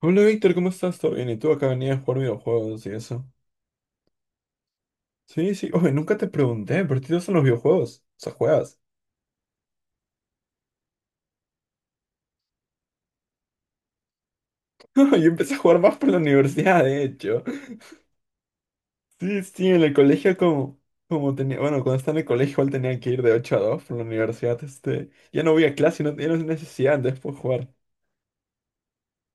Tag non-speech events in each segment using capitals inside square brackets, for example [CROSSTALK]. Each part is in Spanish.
Hola Víctor, ¿cómo estás? ¿Todo bien? ¿Y tú acá venías a jugar videojuegos y eso? Sí, sí. Oye, nunca te pregunté, pero ¿qué te gustan los videojuegos? O sea, juegas. [LAUGHS] Yo empecé a jugar más por la universidad, de hecho. Sí, sí, en el colegio como tenía, bueno, cuando estaba en el colegio igual tenía que ir de 8 a 2 por la universidad, ya no voy a clase, no tenía necesidad de después jugar.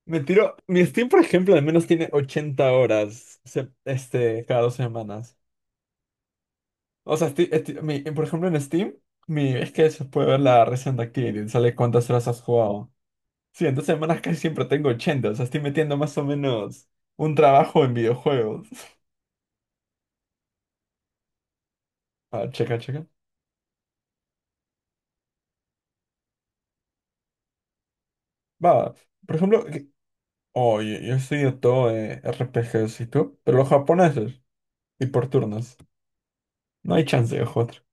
Me tiro, mi Steam, por ejemplo, al menos tiene 80 horas, cada 2 semanas. O sea, por ejemplo, en Steam, es que se puede ver la Recent Activity, sale cuántas horas has jugado. Sí, en 2 semanas casi siempre tengo 80, o sea, estoy metiendo más o menos un trabajo en videojuegos. [LAUGHS] Ah, checa, checa. Va, va. Por ejemplo, oh, yo estoy todo RPGs y tú, pero los japoneses y por turnos. No hay chance de jugar.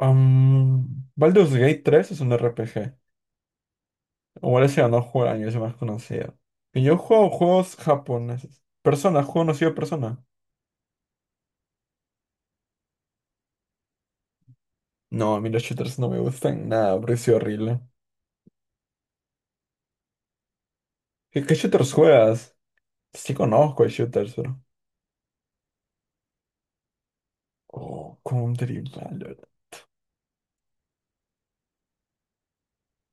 Um, Baldur's Gate 3 es un RPG. Igual ese ganó juego del año, es el más conocido. Y yo juego juegos japoneses. Persona, juego conocido de Persona. No, a mí los shooters no me gustan nada, porque soy horrible. ¿Qué shooters juegas? Sí, conozco de shooters, pero. Oh, Counter y Valorant.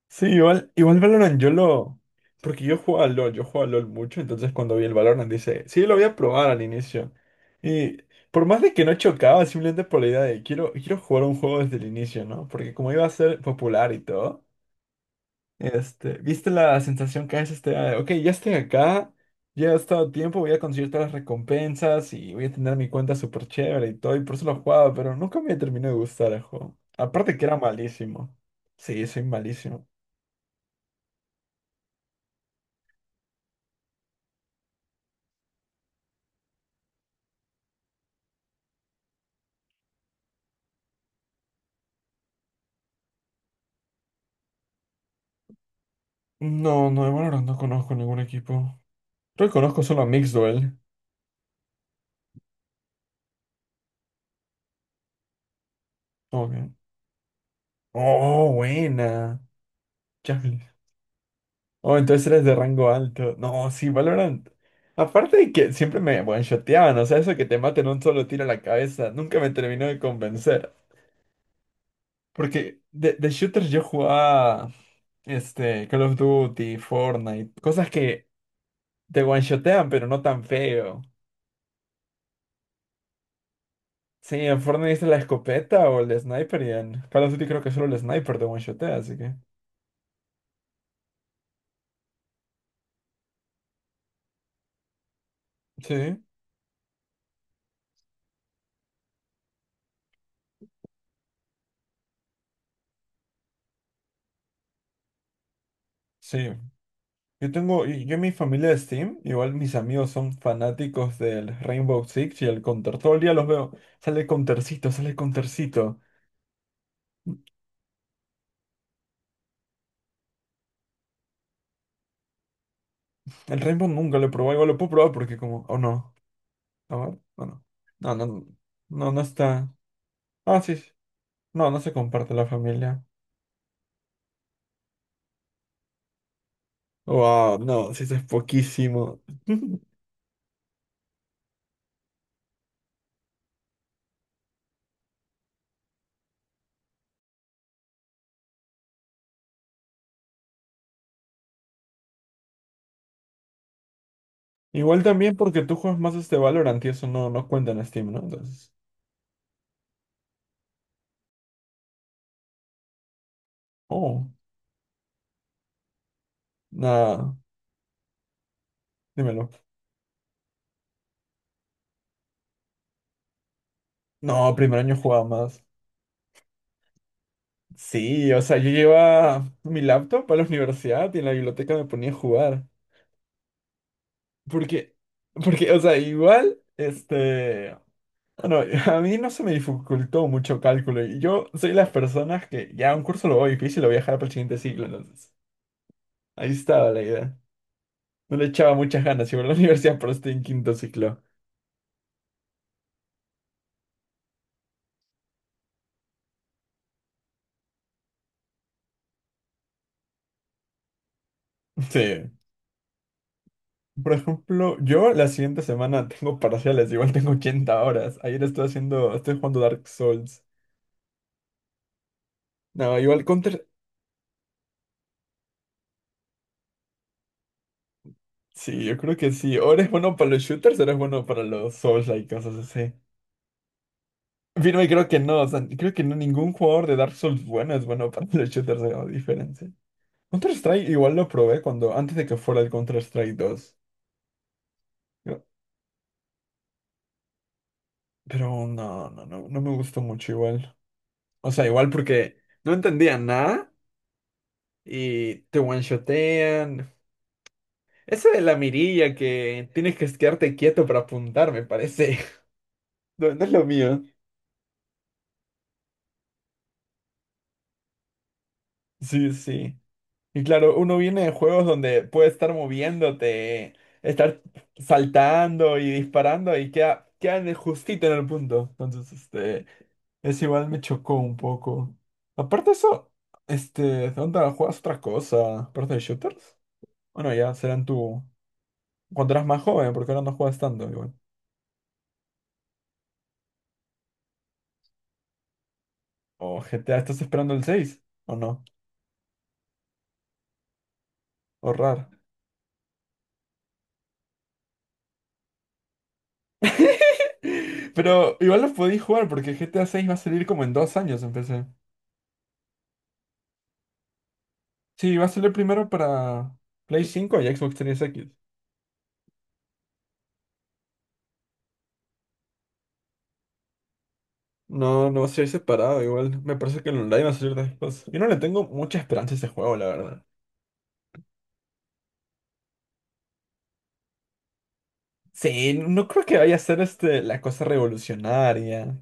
Sí, igual Valorant yo lo. Porque yo juego a LoL, yo juego a LoL mucho, entonces cuando vi el Valorant dice, sí, lo voy a probar al inicio. Y por más de que no chocaba, simplemente por la idea de, quiero jugar un juego desde el inicio, ¿no? Porque como iba a ser popular y todo. ¿Viste la sensación que es este? Ah, ok, ya estoy acá, ya he estado tiempo, voy a conseguir todas las recompensas y voy a tener mi cuenta súper chévere y todo, y por eso lo jugaba, pero nunca me terminó de gustar el juego. Aparte que era malísimo. Sí, soy malísimo. No, no, de Valorant no conozco ningún equipo. Creo que conozco solo a Mixed Duel. Ok. Oh, buena. Jacqueline. Oh, entonces eres de rango alto. No, sí, Valorant. Aparte de que siempre me one-shoteaban, o sea, eso que te maten un solo tiro a la cabeza, nunca me terminó de convencer. Porque de shooters yo jugaba Call of Duty, Fortnite, cosas que te one-shotean, pero no tan feo. Sí, en Fortnite es la escopeta o el sniper, y en Call of Duty creo que solo el sniper te one-shotea, así que. Sí, sí. Yo tengo, y yo en mi familia de Steam, igual mis amigos son fanáticos del Rainbow Six y el Counter. Todo el día los veo. Sale Countercito, sale Countercito. El Rainbow nunca lo he probado, igual lo puedo probar porque como, oh no. A ver, no, no. No, no, no, no está. Ah, sí, sí. No, no se comparte la familia. Wow, no, sí, eso es poquísimo. [LAUGHS] Igual también porque tú juegas más Valorant y eso no, no cuenta en Steam, ¿no? Entonces. Oh, nada, dímelo. No, primer año jugaba más. Sí, o sea, yo llevaba mi laptop a la universidad y en la biblioteca me ponía a jugar. Porque, porque, o sea, igual, bueno, [LAUGHS] a mí no se me dificultó mucho cálculo. Y yo soy de las personas que ya un curso lo voy difícil, lo voy a dejar para el siguiente ciclo, entonces. Ahí estaba la idea. No le echaba muchas ganas, iba a la [LAUGHS] universidad, pero estoy en quinto ciclo. Sí. Por ejemplo, yo la siguiente semana tengo parciales, igual tengo 80 horas. Ayer estoy haciendo, estoy jugando Dark Souls. No, igual counter. Sí, yo creo que sí. O eres bueno para los shooters o eres bueno para los Souls-like, cosas así. Firme, creo que no. O sea, creo que no, ningún jugador de Dark Souls bueno es bueno para [LAUGHS] los shooters, hagamos diferencia. Counter-Strike igual lo probé cuando, antes de que fuera el Counter-Strike 2. Pero pero no, no, no, no me gustó mucho igual. O sea, igual porque no entendía nada y te one-shotean. Eso de la mirilla que tienes que quedarte quieto para apuntar, me parece. [LAUGHS] No, no es lo mío. Sí, sí. Y claro, uno viene de juegos donde puede estar moviéndote, estar saltando y disparando y queda, queda justito en el punto. Entonces, es igual me chocó un poco. Aparte de eso, ¿dónde juegas otra cosa? ¿Aparte de shooters? Bueno, ya serán tu. Cuando eras más joven, porque ahora no juegas tanto igual. O GTA, ¿estás esperando el 6? ¿O no? O raro. [LAUGHS] Pero igual lo podéis jugar porque GTA 6 va a salir como en 2 años, empecé. Sí, va a salir primero para Play 5 y Xbox Series X. No, no va a ser separado igual. Me parece que el online va a salir después. Yo no le tengo mucha esperanza a ese juego, la verdad. Sí, no creo que vaya a ser la cosa revolucionaria.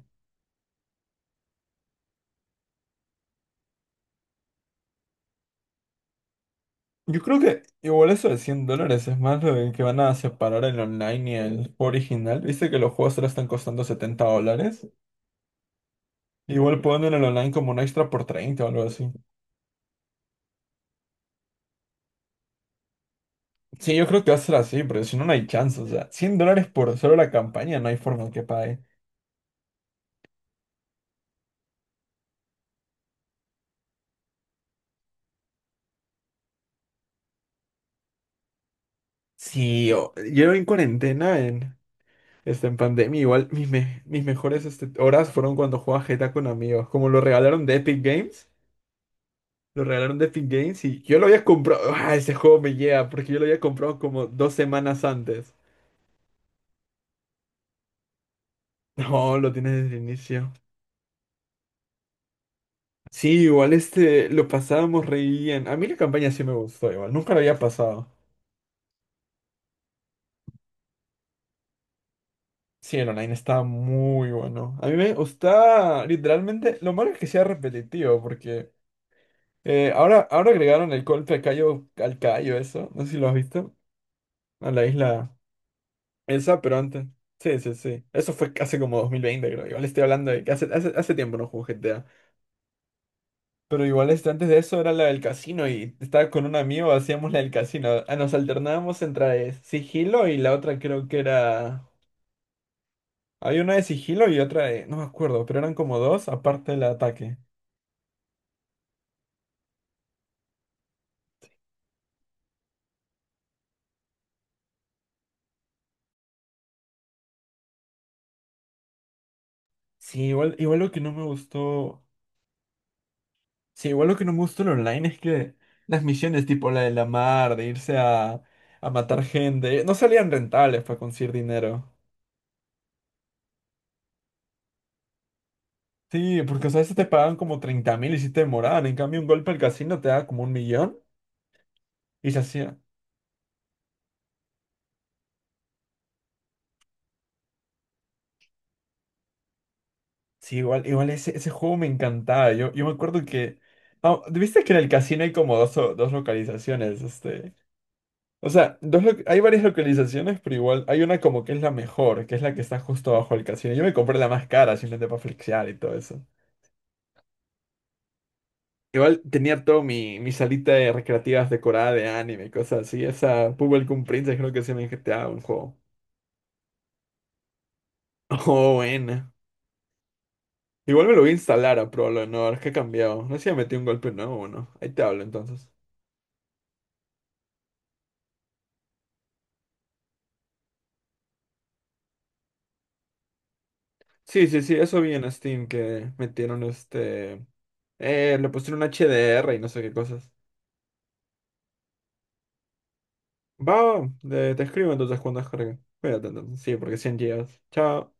Yo creo que igual eso de $100 es más lo de que van a separar el online y el original. Viste que los juegos ahora están costando $70. Igual ponen el online como un extra por 30 o algo así. Sí, yo creo que va a ser así, pero si no, no hay chance. O sea, $100 por solo la campaña, no hay forma que pague. Sí, yo en cuarentena, en pandemia, igual mis mejores horas fueron cuando jugaba GTA con amigos. Como lo regalaron de Epic Games, lo regalaron de Epic Games y yo lo había comprado. ¡Ah, ese juego me llega! Porque yo lo había comprado como 2 semanas antes. [LAUGHS] No, lo tienes desde el inicio. Sí, igual lo pasábamos re bien. A mí la campaña sí me gustó, igual. Nunca lo había pasado. Sí, el online estaba muy bueno. A mí me gusta, literalmente, lo malo es que sea repetitivo, porque. Ahora agregaron el golpe a Cayo, al Cayo, eso. No sé si lo has visto. A la isla esa, pero antes. Sí, sí, sí. Eso fue hace como 2020, creo. Igual estoy hablando de que hace tiempo no juego GTA. Pero igual antes de eso era la del casino y estaba con un amigo, hacíamos la del casino. Ah, nos alternábamos entre sigilo y la otra creo que era. Había una de sigilo y otra de. No me acuerdo, pero eran como dos aparte del ataque. Sí, igual lo que no me gustó. Sí, igual lo que no me gusta en online es que las misiones tipo la de la mar, de irse a, matar gente, no salían rentables para conseguir dinero. Sí, porque o sea, a veces te pagaban como 30.000 y si te demoraban. En cambio, un golpe al casino te daba como un millón y se hacía. Sí, igual ese juego me encantaba. Yo me acuerdo que. Ah, ¿viste que en el casino hay como dos localizaciones? O sea, hay varias localizaciones, pero igual hay una como que es la mejor, que es la que está justo abajo del casino. Yo me compré la más cara simplemente para flexear y todo eso. Igual tenía todo mi salita de recreativas decorada de anime y cosas así. Esa Bubblegum Princess creo que se me GTA un juego. [LAUGHS] Oh, buena. Igual me lo voy a instalar a Pro, no no, que ha cambiado. No sé si ya metí un golpe nuevo o no. Ahí te hablo entonces. Sí, sí, sí, eso vi en Steam que metieron. Le pusieron HDR y no sé qué cosas. Va, va, te escribo entonces cuando descargue. Cuídate entonces. Sí, porque 100 gigas. Chao.